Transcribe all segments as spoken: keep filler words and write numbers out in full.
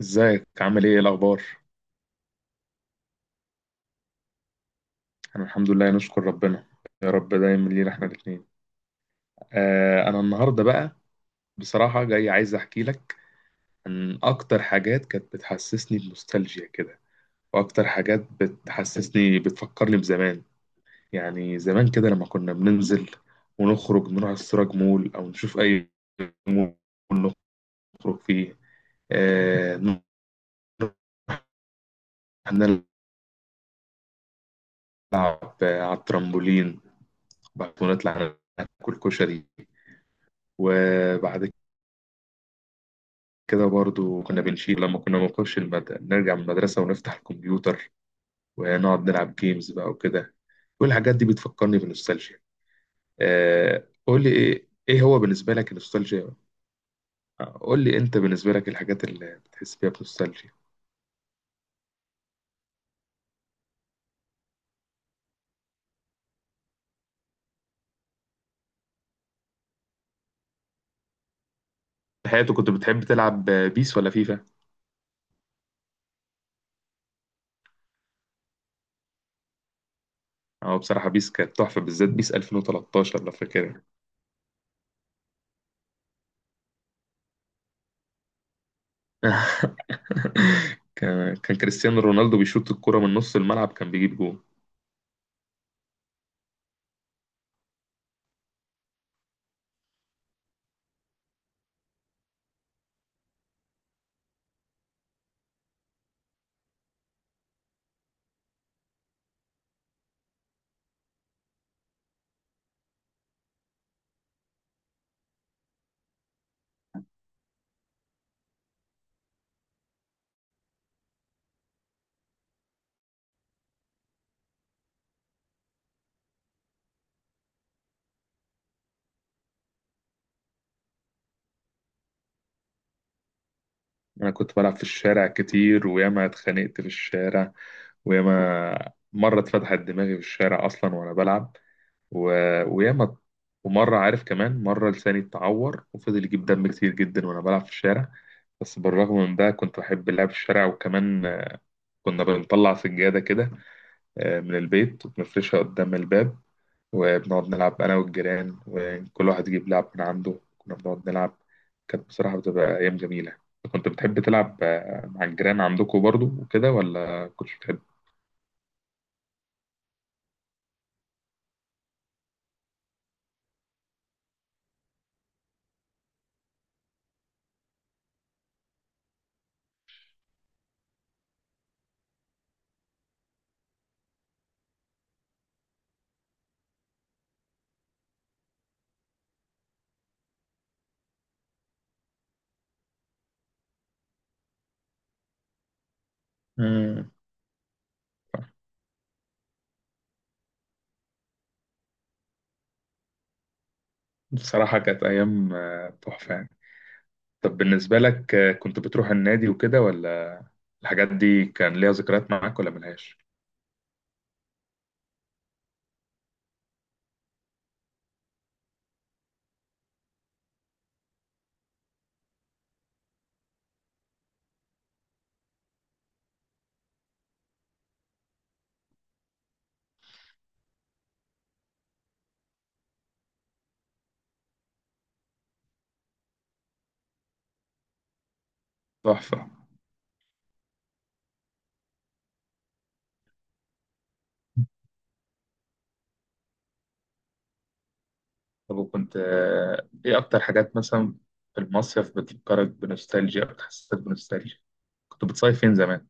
ازيك عامل ايه إيه الاخبار. انا الحمد لله نشكر ربنا. يا رب دايما لينا احنا الاثنين. آه انا النهارده بقى بصراحه جاي عايز احكي لك عن اكتر حاجات كانت بتحسسني بنوستالجيا كده، واكتر حاجات بتحسسني بتفكرني بزمان. يعني زمان كده لما كنا بننزل ونخرج نروح السراج مول او نشوف اي مول نخرج فيه، آه نروح نلعب على الترامبولين، بعد ونطلع ناكل كشري. وبعد كده برضو كنا بنشيل لما كنا بنخش المد... نرجع من المدرسة ونفتح الكمبيوتر ونقعد نلعب جيمز بقى وكده. كل الحاجات دي بتفكرني بنوستالجيا. آه... قول لي ايه ايه هو بالنسبة لك النوستالجيا؟ آه، قول لي انت بالنسبة لك الحاجات اللي بتحس فيها بنوستالجيا. في حياتك كنت بتحب تلعب بيس ولا فيفا؟ اه بصراحة بيس كانت تحفة، بالذات بيس ألفين وتلتاشر لو فاكرها. كان كان كريستيانو رونالدو بيشوط الكرة من نص الملعب كان بيجيب جول. انا كنت بلعب في الشارع كتير وياما اتخانقت في الشارع، وياما مره اتفتحت دماغي في الشارع اصلا وانا بلعب، و... وياما ومره عارف كمان مره لساني اتعور وفضل يجيب دم كتير جدا وانا بلعب في الشارع. بس بالرغم من ده كنت بحب اللعب في الشارع، وكمان كنا بنطلع سجاده كده آه، من البيت وبنفرشها قدام الباب، وبنقعد نلعب أنا والجيران، وكل واحد يجيب لعب من عنده كنا بنقعد نلعب. كانت بصراحة بتبقى أيام جميلة. كنت بتحب تلعب آه، مع الجيران عندكم برضو وكده ولا كنتش بتحب؟ مم. بصراحة كانت أيام آه، تحفة يعني. طب بالنسبة لك آه، كنت بتروح النادي وكده، ولا الحاجات دي كان ليها ذكريات معاك ولا ملهاش؟ تحفة. طب وكنت آه، إيه أكتر حاجات مثلا في المصيف بتفكرك بنوستالجيا أو بتحسسك بنوستالجيا؟ كنت بتصيف فين زمان؟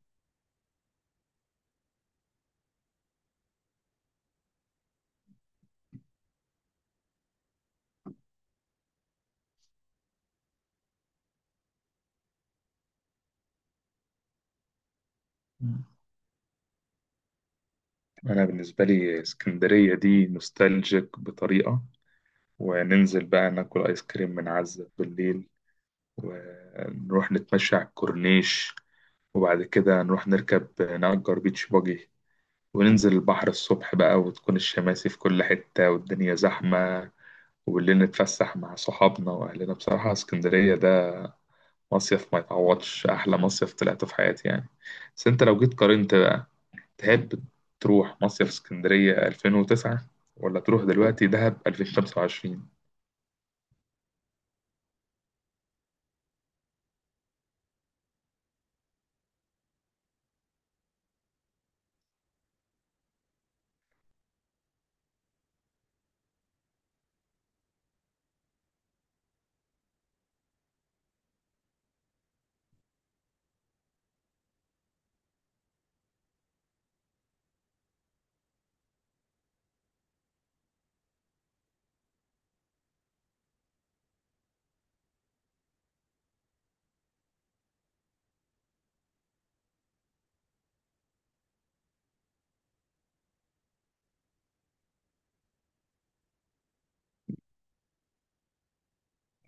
أنا بالنسبة لي اسكندرية دي نوستالجيك بطريقة. وننزل بقى ناكل آيس كريم من عزة بالليل، ونروح نتمشى على الكورنيش، وبعد كده نروح نركب نأجر بيتش باجي، وننزل البحر الصبح بقى وتكون الشماسي في كل حتة والدنيا زحمة، وبالليل نتفسح مع صحابنا وأهلنا. بصراحة اسكندرية ده مصيف ما يتعوضش، أحلى مصيف طلعته في حياتي يعني. بس أنت لو جيت قارنت، تحب تروح مصيف اسكندرية ألفين وتسعة ولا تروح دلوقتي دهب ألفين وخمسة وعشرين؟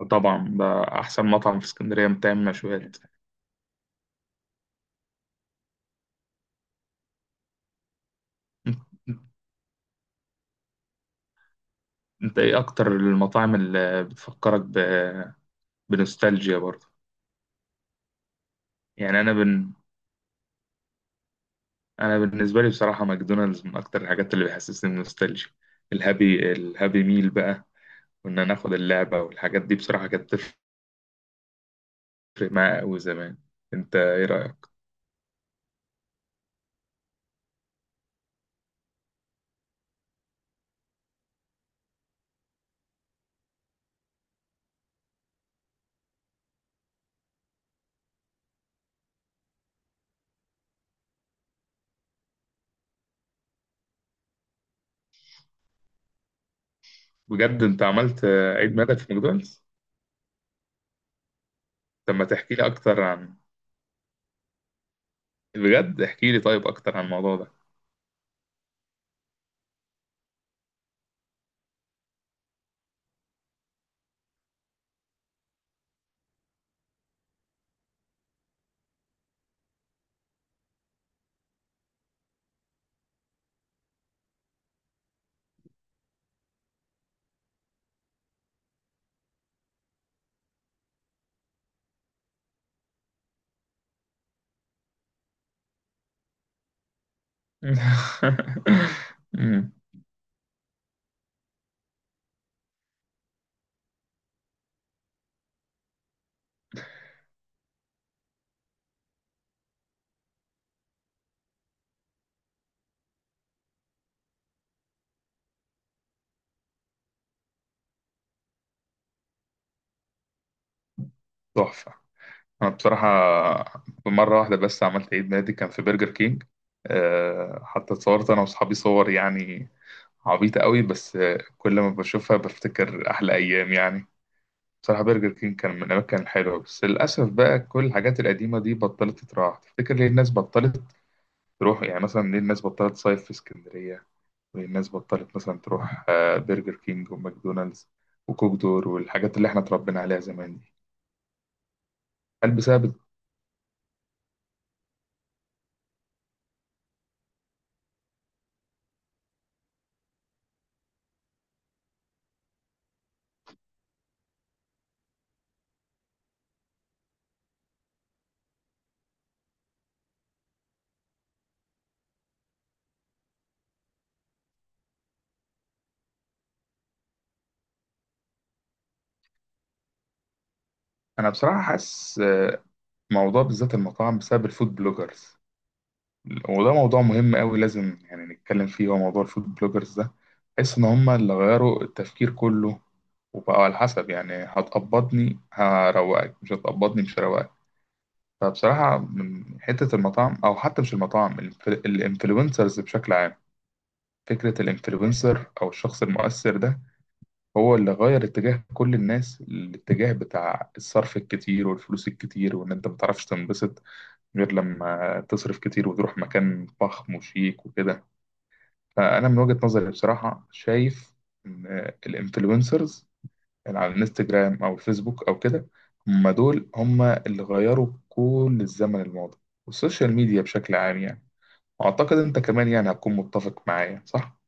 وطبعا ده أحسن مطعم في اسكندرية بتعمل مشويات. أنت أنت إيه أكتر المطاعم اللي بتفكرك ب... بنوستالجيا برضه؟ يعني أنا بن... أنا بالنسبة لي بصراحة ماكدونالدز من أكتر الحاجات اللي بيحسسني بنوستالجيا. الهابي الهابي ميل بقى، وإن أنا آخد اللعبة والحاجات دي، بصراحة كانت تفرق معايا أوي زمان. أنت إيه رأيك؟ بجد أنت عملت عيد ميلادك في ماكدونالدز؟ طب ما تحكي لي اكتر عن بجد احكي لي طيب اكتر عن الموضوع ده. أمم، تحفة. انا بصراحة مرة واحدة بس عملت عيد ميلادي كان في برجر كينج. أه حتى اتصورت انا واصحابي صور يعني عبيطة قوي، بس آه، كل ما بشوفها بفتكر احلى ايام يعني. بصراحة برجر كينج كان من الأماكن الحلوة، بس للأسف بقى كل الحاجات القديمة دي بطلت تتراح تفتكر ليه الناس بطلت تروح. يعني مثلا ليه الناس بطلت تصيف في اسكندرية، والناس بطلت مثلا تروح آه، برجر كينج وماكدونالدز وكوك دور والحاجات اللي احنا اتربينا عليها زمان دي؟ هل بسبب انا بصراحة حاسس آه، موضوع بالذات المطاعم بسبب الفود بلوجرز، وده موضوع مهم قوي لازم يعني نتكلم فيه، هو موضوع الفود بلوجرز ده. بحس ان هم اللي غيروا التفكير كله، وبقوا على حسب يعني هتقبضني هروقك، مش هتقبضني مش هروقك. فبصراحة من حتة المطاعم أو حتى مش المطاعم، الانفلونسرز بشكل عام، فكرة الانفلونسر أو الشخص المؤثر ده هو اللي غير اتجاه كل الناس، الاتجاه بتاع الصرف الكتير والفلوس الكتير، وإن أنت متعرفش تنبسط غير لما تصرف كتير وتروح مكان فخم وشيك وكده. فأنا من وجهة نظري بصراحة شايف إن الانفلونسرز اللي على الانستجرام أو الفيسبوك أو كده هم دول هم اللي غيروا كل الزمن الماضي، والسوشيال ميديا بشكل عام يعني. أعتقد أنت كمان يعني هتكون متفق معايا صح؟